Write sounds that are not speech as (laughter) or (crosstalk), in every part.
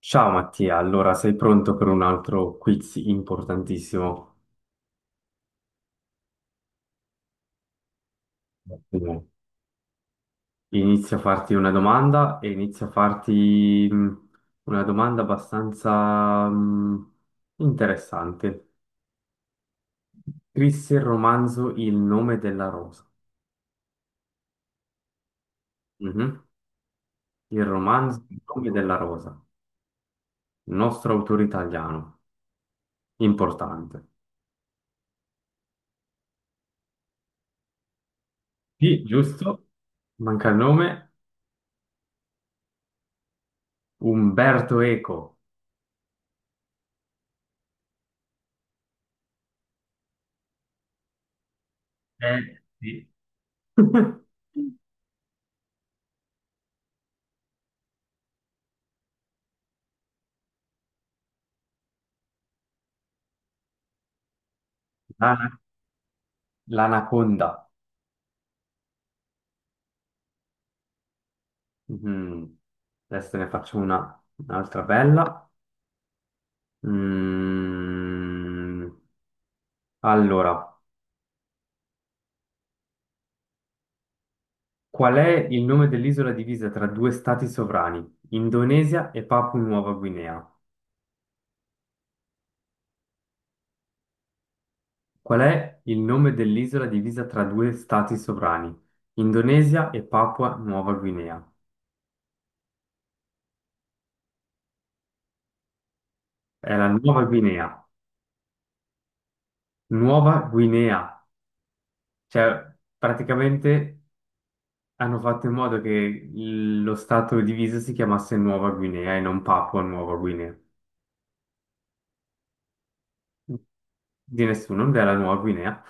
Ciao Mattia, allora sei pronto per un altro quiz importantissimo? Ottimo. Inizio a farti una domanda e inizio a farti una domanda abbastanza interessante. Scrisse il romanzo Il nome della rosa. Mhm. Il romanzo Il nome della rosa, nostro autore italiano, importante. Sì, giusto? Manca il nome? Umberto Eco. Sì. (laughs) Ah, l'anaconda. Mhm. Adesso ne faccio una, un'altra bella. Mm. Allora, qual è il nome dell'isola divisa tra due stati sovrani, Indonesia e Papua Nuova Guinea? Qual è il nome dell'isola divisa tra due stati sovrani, Indonesia e Papua Nuova Guinea? È la Nuova Guinea. Nuova Guinea. Cioè, praticamente hanno fatto in modo che lo stato diviso si chiamasse Nuova Guinea e non Papua Nuova Guinea. Di nessuno, non è la Nuova Guinea.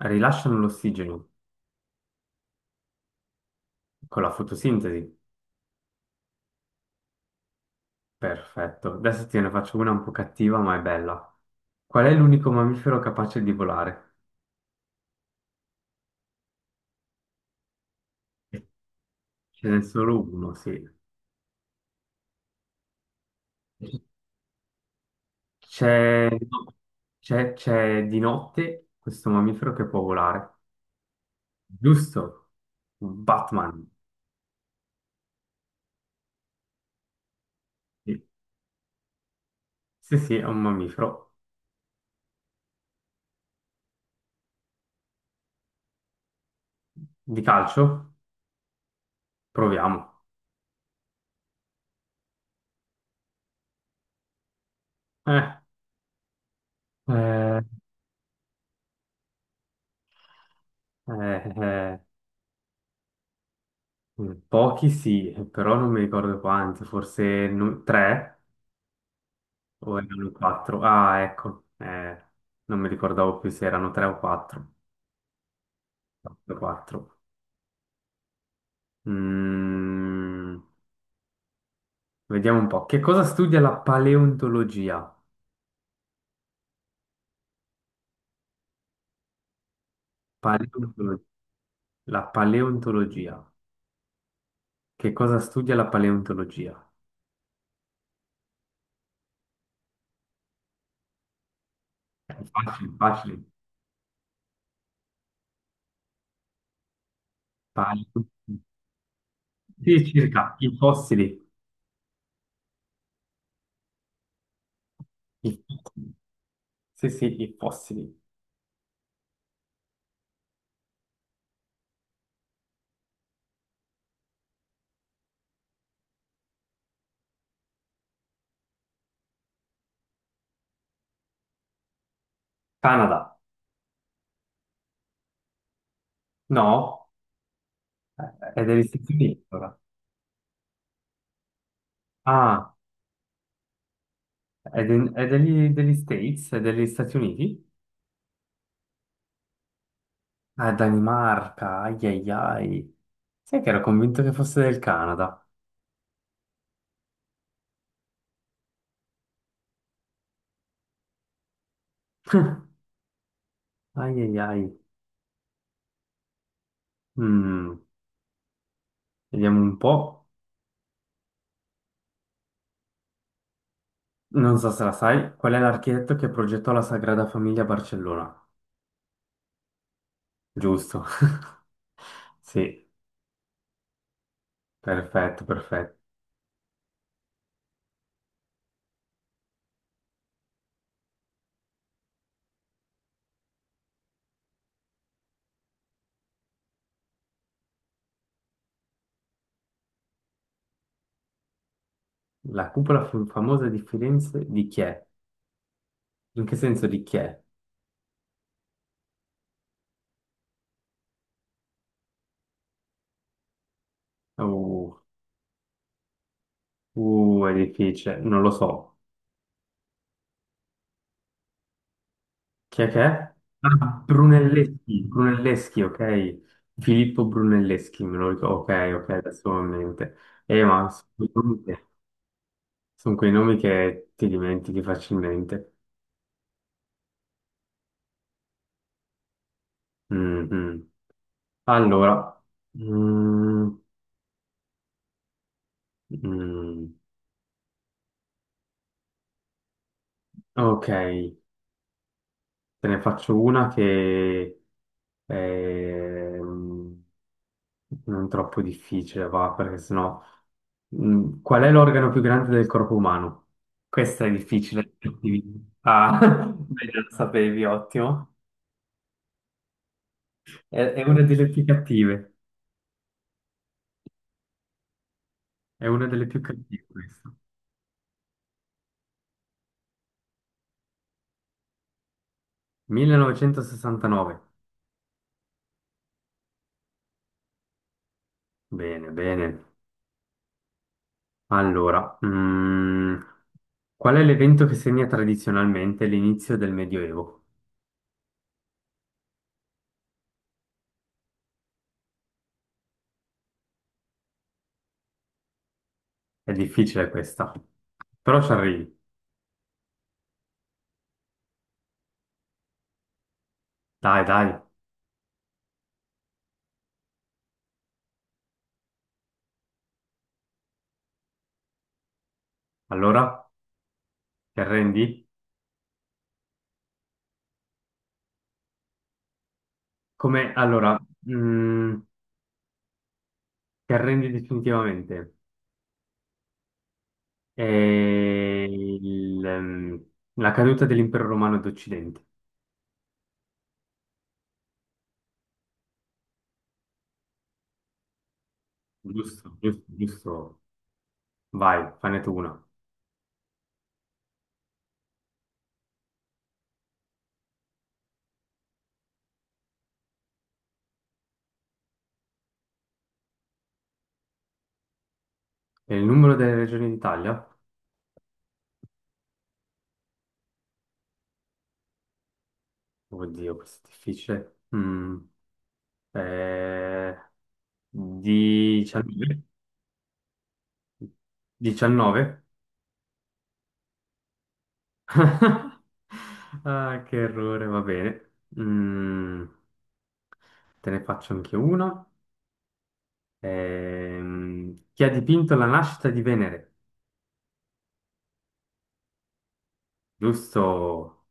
Rilasciano l'ossigeno con la fotosintesi. Perfetto. Adesso te ne faccio una un po' cattiva, ma è bella. Qual è l'unico mammifero capace di volare? Ce n'è solo uno, sì. C'è no, c'è di notte questo mammifero che può volare. Giusto. Batman. Sì, sì, sì, è un mammifero. Di calcio? Proviamo. Eh, eh, eh, eh, pochi sì, però non mi ricordo quanti, forse tre o erano quattro. Ah, ecco, non mi ricordavo più se erano tre o quattro. Quattro, quattro. Mm, vediamo un po'. Che cosa studia la paleontologia? Paleontolo- la paleontologia. Che cosa studia la paleontologia? È facile, facile. Pale- Sì, circa i fossili. I- Sì, sì, i fossili. Canada. No, eh, è degli Stati Uniti allora. Ah, è, è degli, degli States, è degli Stati Uniti? Ah, è Danimarca, ai ai ai. Sai che ero convinto che fosse del Canada. (laughs) Ai ai ai. Mm, vediamo un po'. Non so se la sai, qual è l'architetto che progettò la Sagrada Famiglia a Barcellona? Giusto. (laughs) Sì, perfetto, perfetto. La cupola famosa di Firenze di chi è? In che senso di chi è? Uh, è difficile, non lo so. Chi è che è? Ah, Brunelleschi, Brunelleschi, ok. Filippo Brunelleschi, me lo ricordo. Ok, ok, adesso ho in mente. Ma sono quei nomi che sono quei nomi che ti dimentichi facilmente. Mm, mm. Allora, mm, mm. ok. Te ne faccio una che è non troppo difficile, va, perché sennò... Mm, qual è l'organo più grande del corpo umano? Questa è difficile. Ah, (laughs) beh, già lo sapevi, ottimo. È una delle più cattive. È una delle più cattive questa. 1969. Bene, bene. Allora, qual è l'evento che segna tradizionalmente l'inizio del Medioevo? È difficile questa, però ci arrivi. Dai, dai. Allora, ti arrendi? Come, allora, mm, ti arrendi definitivamente. È il, la caduta dell'impero romano d'Occidente. Giusto, giusto, giusto. Vai, fane tu una. E il numero delle regioni d'Italia? Oddio, questo è difficile. Eh, 19? 19? (laughs) Ah, che errore, va bene. Mm, te ne faccio anche uno. Chi ha dipinto la nascita di Venere? Giusto.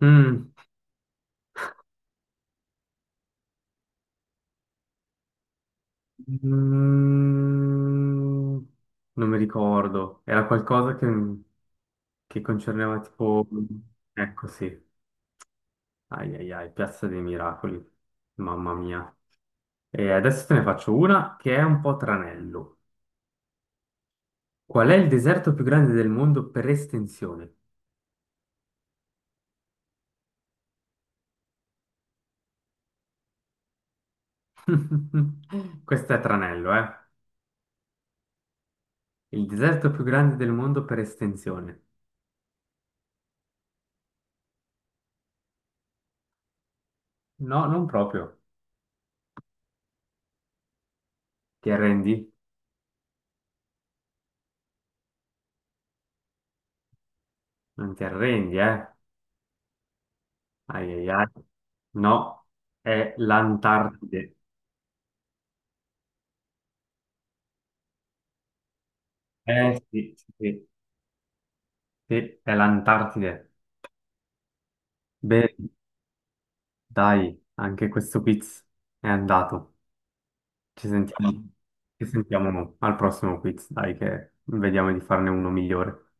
Mm, mm, non mi ricordo. Era qualcosa che concerneva tipo... Ecco sì. Ai ai ai, Piazza dei Miracoli. Mamma mia. E adesso te ne faccio una che è un po' tranello. Qual è il deserto più grande del mondo per estensione? (laughs) Questo è tranello, eh? Il deserto più grande del mondo per estensione. No, non proprio. Ti arrendi? Non ti arrendi, eh? Ai ai ai. No, è l'Antartide. Eh sì, sì, sì, sì, è l'Antartide. Beh, dai, anche questo quiz è andato. Ci sentiamo, ci sentiamo al prossimo quiz, dai, che vediamo di farne uno migliore.